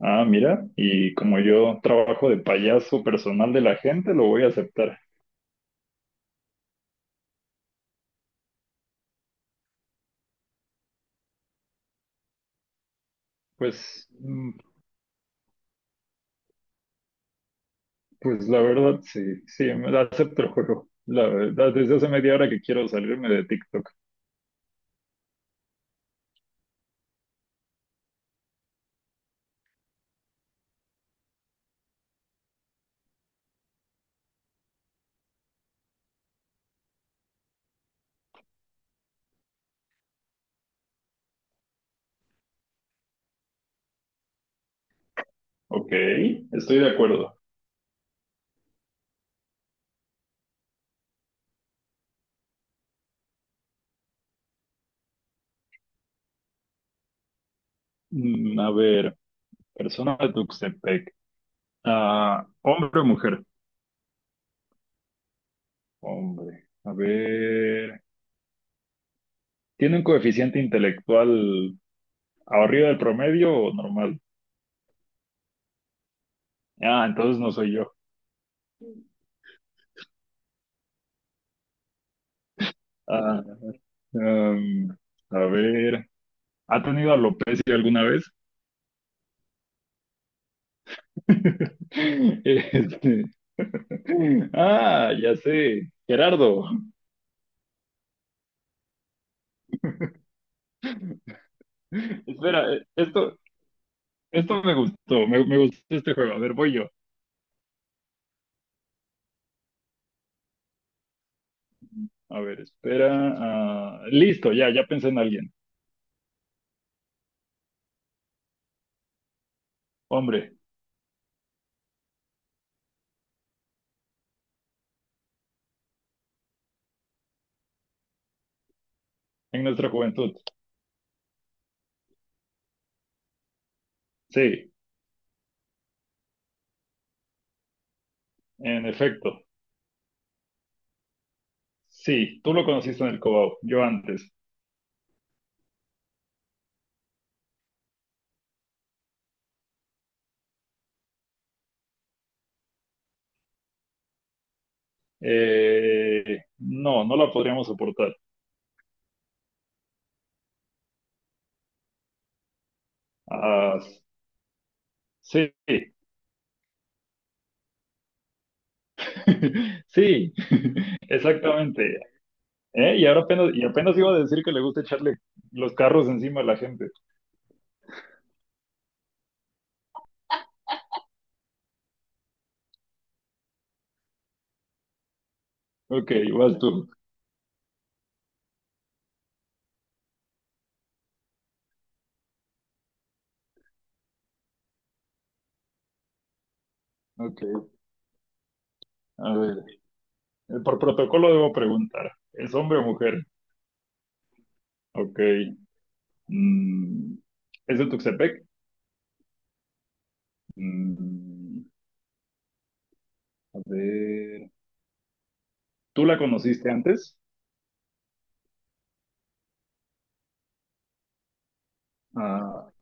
Ah, mira, y como yo trabajo de payaso personal de la gente, lo voy a aceptar. Pues, pues la verdad, sí, sí, me la acepto el juego. La verdad, desde hace media hora que quiero salirme de TikTok. Ok, estoy de acuerdo. A ver, persona de Tuxtepec. Ah, ¿hombre o mujer? Hombre. A ver, ¿tiene un coeficiente intelectual arriba del promedio o normal? Ah, entonces no soy yo. Ah, em, a ver. ¿Ha tenido alopecia alguna vez? Este, ah, ya sé, Gerardo. Espera, esto me gustó. Me gustó este juego. A ver, voy yo. A ver, espera. Ah, listo, ya, ya pensé en alguien. Hombre, en nuestra juventud. Sí, en efecto. Sí, tú lo conociste en el Cobao, yo antes. No, no la podríamos soportar. Ah, sí, sí, exactamente. ¿Eh? Y ahora apenas, y apenas iba a decir que le gusta echarle los carros encima a la gente. Ok, vas tú. Ok, a ver. Por protocolo debo preguntar. ¿Es hombre o mujer? Ok. mm, ¿Es de Tuxtepec? Mm, a ver. ¿Tú la conociste antes? Ah,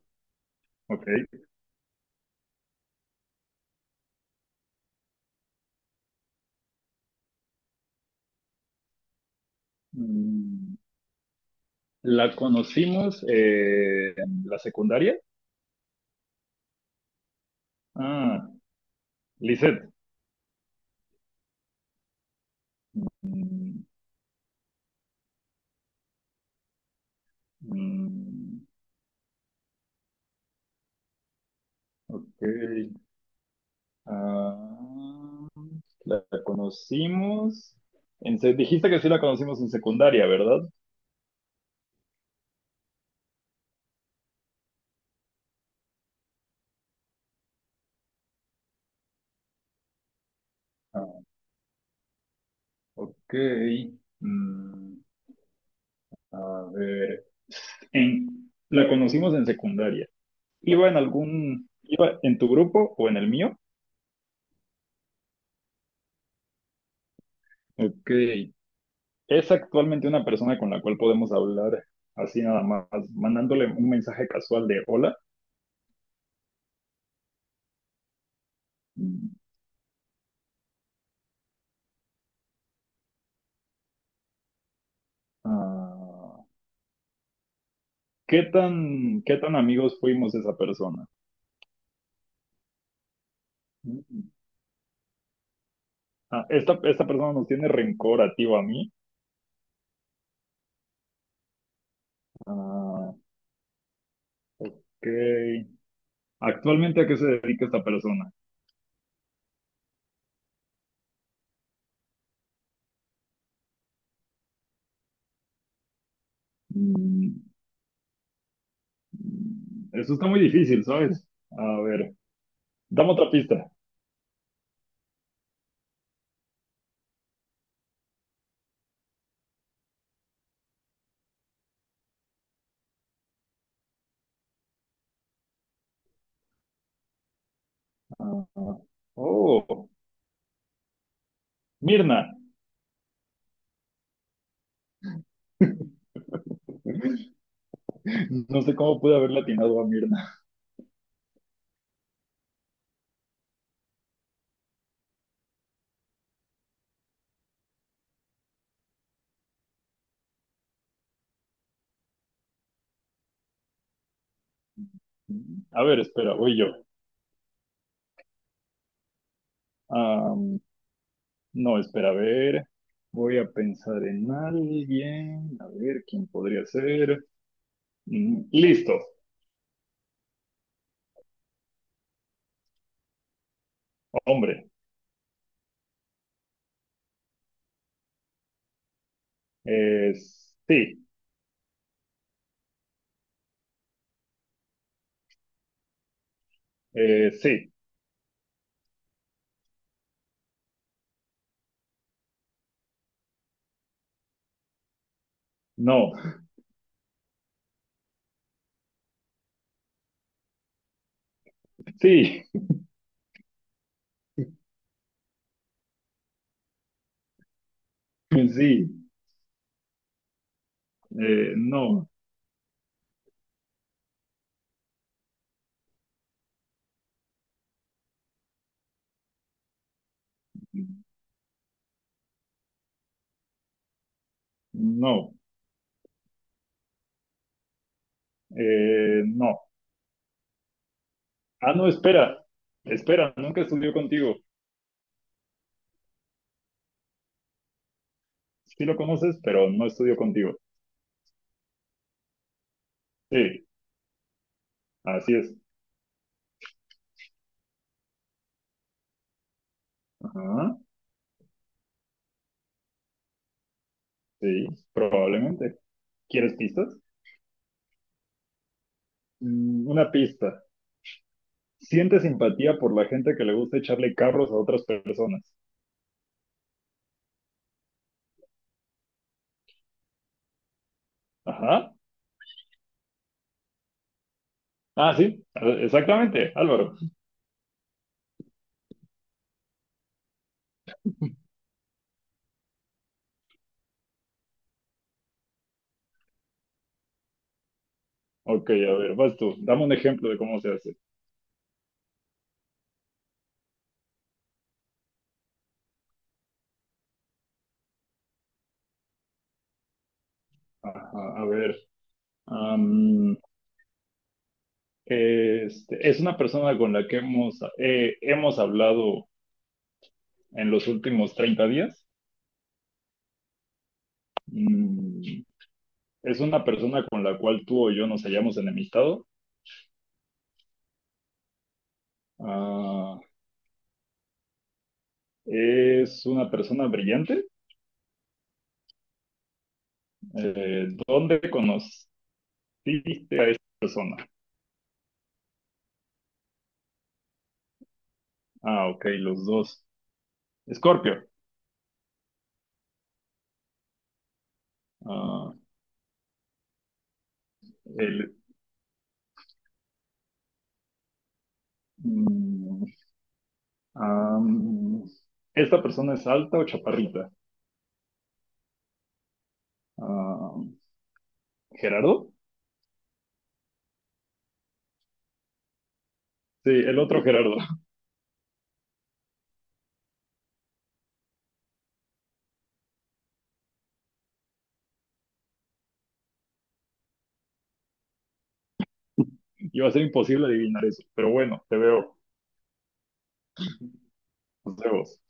ok. Mm, ¿La conocimos en la secundaria? Ah, Lisette. Mm, mm, ok. Ah, la conocimos. Dijiste que sí la conocimos en secundaria, ¿verdad? Ah, ok. Mm, a ver. La conocimos en secundaria. ¿Iba en algún, iba en tu grupo o en el mío? Ok. ¿Es actualmente una persona con la cual podemos hablar así nada más, mandándole un mensaje casual de hola? Mm, ah, qué tan amigos fuimos de esa persona? Mm, Ah, esta persona nos tiene rencor a ti o a mí. Ah, ok. ¿Actualmente a qué se dedica esta persona? Mm, eso está muy difícil, ¿sabes? A ver, dame otra pista. Ah, oh, Mirna. No sé cómo pude haber latinado a Mirna. A ver, espera, voy yo. Ah, no, espera, a ver. Voy a pensar en alguien. A ver, ¿quién podría ser? Listo, hombre. Eh, sí, sí, no. Sí, sí, no, no, no. Ah, no, espera, espera, nunca estudió contigo. Sí lo conoces, pero no estudió contigo. Sí, así es. Ajá, sí, probablemente. ¿Quieres pistas? Una pista. Siente simpatía por la gente que le gusta echarle carros a otras personas. Ajá. Ah, sí, exactamente, Álvaro. Ok, a ver, vas tú. Dame un ejemplo de cómo se hace. Ajá, a ver. Este, es una persona con la que hemos, hemos hablado en los últimos 30 días. Mm, es una persona con la cual tú o yo nos hayamos enemistado. Ah, es una persona brillante. ¿Dónde conociste a esta persona? Ah, ok, los dos. Escorpio. Ah, el, mm, ah, ¿esta persona es alta o chaparrita? Ah, ¿Gerardo? Sí, el otro Gerardo. Iba a ser imposible adivinar eso, pero bueno, te veo. Nos vemos.